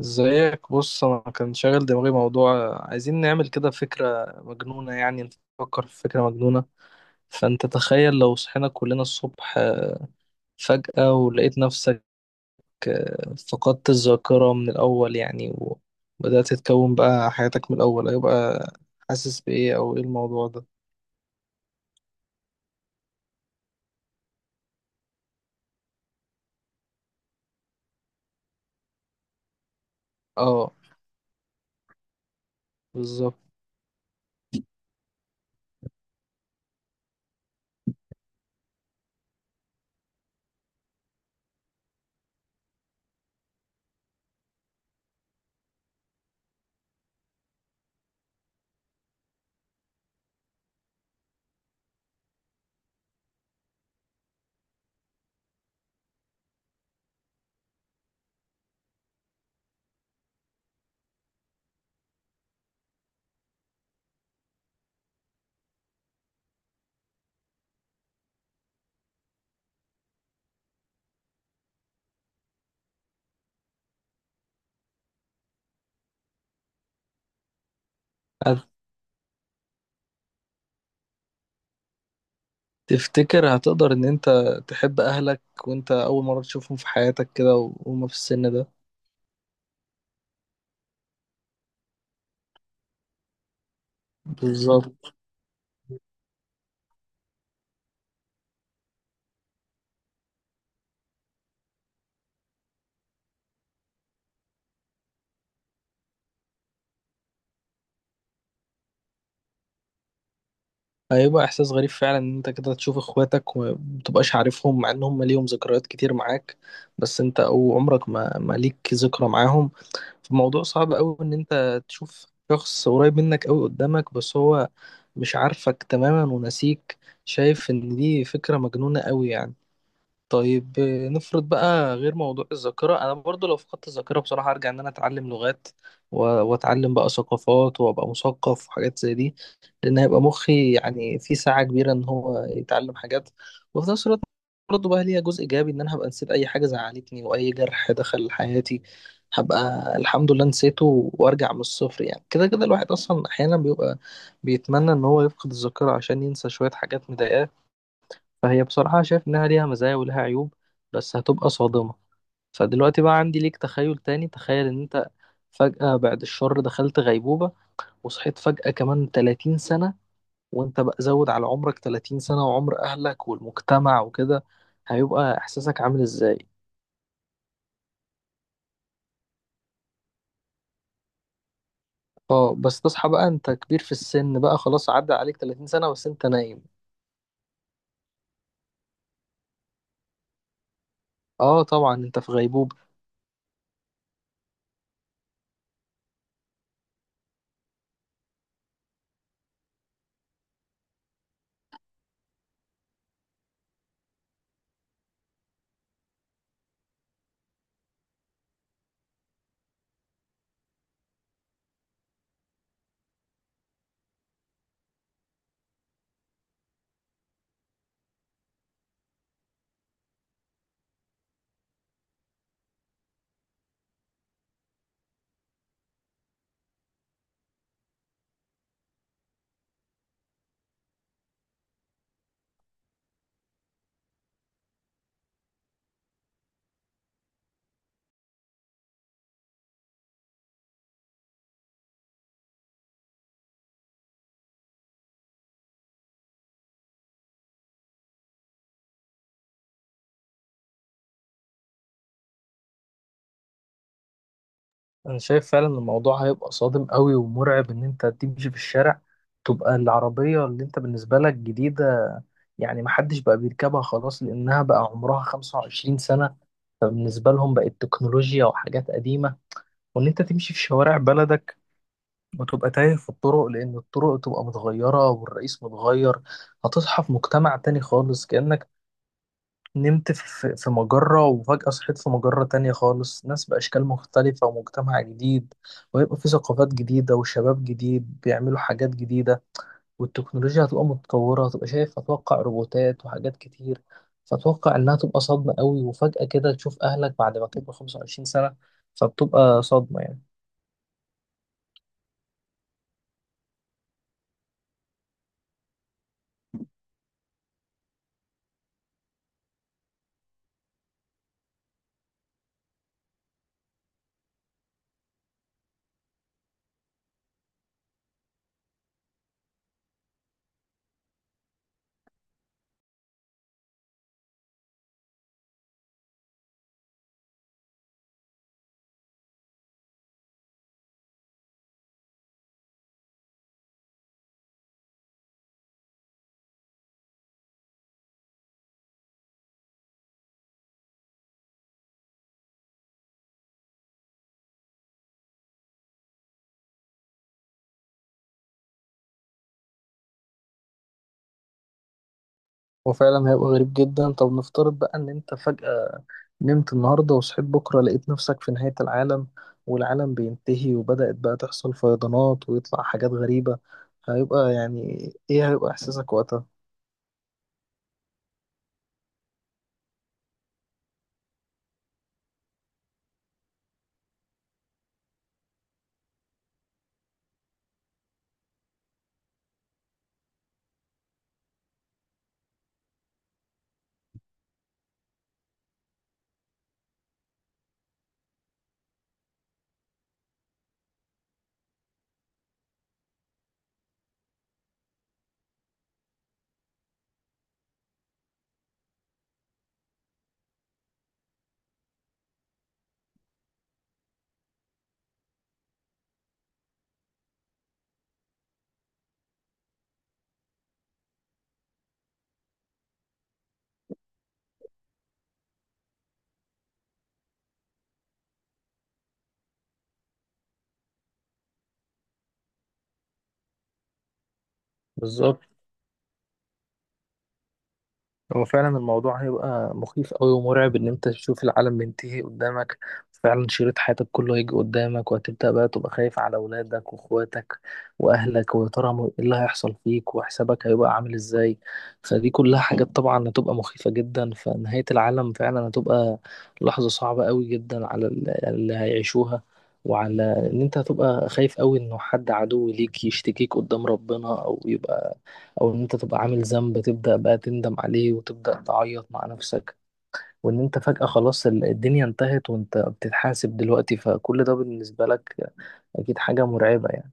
ازيك، بص، انا كان شاغل دماغي موضوع. عايزين نعمل كده فكرة مجنونة يعني، نفكر في فكرة مجنونة. فانت تخيل لو صحينا كلنا الصبح فجأة ولقيت نفسك فقدت الذاكرة من الأول يعني، وبدأت تتكون بقى حياتك من الأول. هيبقى حاسس بإيه أو إيه الموضوع ده؟ اه، بالظبط. هتفتكر هتقدر إن أنت تحب أهلك وأنت أول مرة تشوفهم في حياتك كده وهما في السن ده؟ بالظبط. هيبقى احساس غريب فعلا ان انت كده تشوف اخواتك ومتبقاش عارفهم، مع ان هم ليهم ذكريات كتير معاك بس انت او عمرك ما ليك ذكرى معاهم. فالموضوع صعب قوي، ان انت تشوف شخص قريب منك قوي قدامك بس هو مش عارفك تماما ونسيك. شايف ان دي فكرة مجنونة قوي يعني. طيب نفرض بقى غير موضوع الذاكرة، أنا برضو لو فقدت الذاكرة بصراحة أرجع إن أنا أتعلم لغات وأتعلم بقى ثقافات وأبقى مثقف وحاجات زي دي، لأن هيبقى مخي يعني في ساعة كبيرة إن هو يتعلم حاجات. وفي نفس الوقت برضو بقى ليها جزء إيجابي، إن أنا هبقى نسيت أي حاجة زعلتني وأي جرح دخل حياتي. هبقى الحمد لله نسيته وأرجع من الصفر. يعني كده كده الواحد أصلا أحيانا بيبقى بيتمنى إن هو يفقد الذاكرة عشان ينسى شوية حاجات مضايقاه. فهي بصراحة شايف إنها ليها مزايا ولها عيوب، بس هتبقى صادمة. فدلوقتي بقى عندي ليك تخيل تاني. تخيل إن أنت فجأة، بعد الشر، دخلت غيبوبة وصحيت فجأة كمان 30 سنة، وأنت بقى زود على عمرك 30 سنة وعمر أهلك والمجتمع وكده. هيبقى إحساسك عامل إزاي؟ اه، بس تصحى بقى أنت كبير في السن، بقى خلاص عدى عليك 30 سنة بس أنت نايم. اه طبعا أنت في غيبوبة. انا شايف فعلا إن الموضوع هيبقى صادم قوي ومرعب، ان انت تمشي في الشارع تبقى العربية اللي انت بالنسبة لك جديدة يعني محدش بقى بيركبها خلاص لانها بقى عمرها 25 سنة، فبالنسبة لهم بقت تكنولوجيا وحاجات قديمة. وان انت تمشي في شوارع بلدك وتبقى تايه في الطرق لان الطرق تبقى متغيرة والرئيس متغير. هتصحى في مجتمع تاني خالص، كأنك نمت في مجرة وفجأة صحيت في مجرة تانية خالص، ناس بأشكال مختلفة ومجتمع جديد. وهيبقى في ثقافات جديدة وشباب جديد بيعملوا حاجات جديدة، والتكنولوجيا هتبقى متطورة. هتبقى شايف أتوقع روبوتات وحاجات كتير. فأتوقع إنها تبقى صدمة قوي، وفجأة كده تشوف أهلك بعد ما تبقى 25 سنة، فبتبقى صدمة يعني. وفعلا هيبقى غريب جدا. طب نفترض بقى إن أنت فجأة نمت النهاردة وصحيت بكرة لقيت نفسك في نهاية العالم، والعالم بينتهي وبدأت بقى تحصل فيضانات ويطلع حاجات غريبة. هيبقى يعني إيه، هيبقى إحساسك وقتها؟ بالظبط. هو فعلا الموضوع هيبقى مخيف أوي ومرعب، إن أنت تشوف العالم بينتهي قدامك. فعلا شريط حياتك كله هيجي قدامك، وهتبدأ بقى تبقى خايف على أولادك وأخواتك وأهلك، ويا ترى إيه اللي هيحصل فيك وحسابك هيبقى عامل إزاي. فدي كلها حاجات طبعا هتبقى مخيفة جدا. فنهاية العالم فعلا هتبقى لحظة صعبة أوي جدا على اللي هيعيشوها، وعلى إن أنت هتبقى خايف أوي إنه حد عدو ليك يشتكيك قدام ربنا، أو يبقى او ان انت تبقى عامل ذنب تبدأ بقى تندم عليه وتبدأ تعيط مع نفسك، وان انت فجأة خلاص الدنيا انتهت وانت بتتحاسب دلوقتي. فكل ده بالنسبة لك اكيد حاجة مرعبة يعني.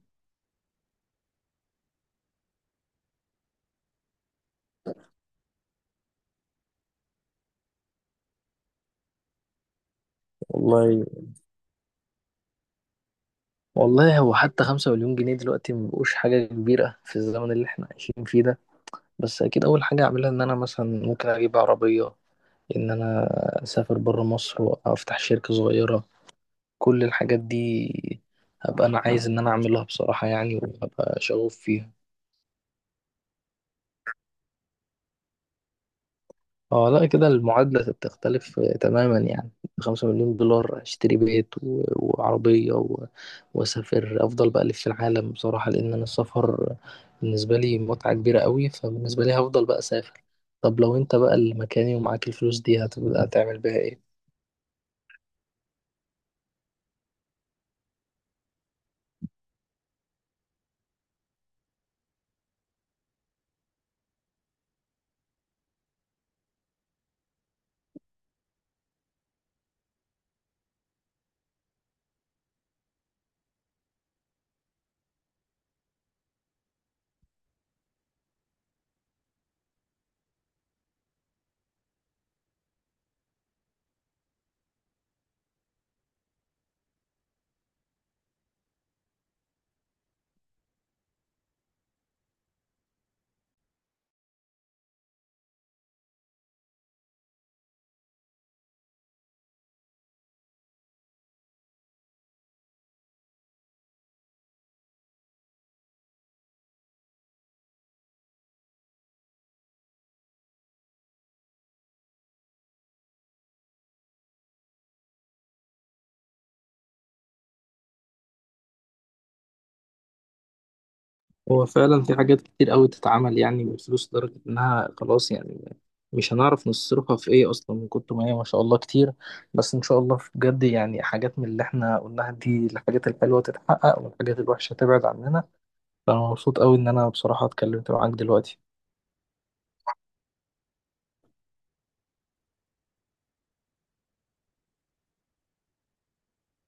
والله، والله هو حتى 5 مليون جنيه دلوقتي مبقوش حاجة كبيرة في الزمن اللي احنا عايشين فيه ده. بس أكيد أول حاجة أعملها إن أنا مثلا ممكن أجيب عربية، إن أنا أسافر برا مصر وأفتح شركة صغيرة. كل الحاجات دي هبقى أنا عايز إن أنا أعملها بصراحة يعني، وهبقى شغوف فيها. اه لا كده المعادلة بتختلف تماما يعني. ب5 مليون دولار اشتري بيت وعربية واسافر افضل بألف في العالم بصراحة، لان انا السفر بالنسبة لي متعة كبيرة قوي، فبالنسبة لي هفضل بقى اسافر. طب لو انت بقى اللي مكاني ومعاك الفلوس دي هتبقى هتعمل بيها ايه؟ هو فعلا في حاجات كتير قوي تتعمل يعني بالفلوس، لدرجة إنها خلاص يعني مش هنعرف نصرفها في إيه أصلا من كتر ما هي ما شاء الله كتير. بس إن شاء الله في بجد يعني حاجات من اللي إحنا قلناها دي، الحاجات الحلوة تتحقق والحاجات الوحشة تبعد عننا. فأنا مبسوط قوي إن أنا بصراحة اتكلمت معاك دلوقتي.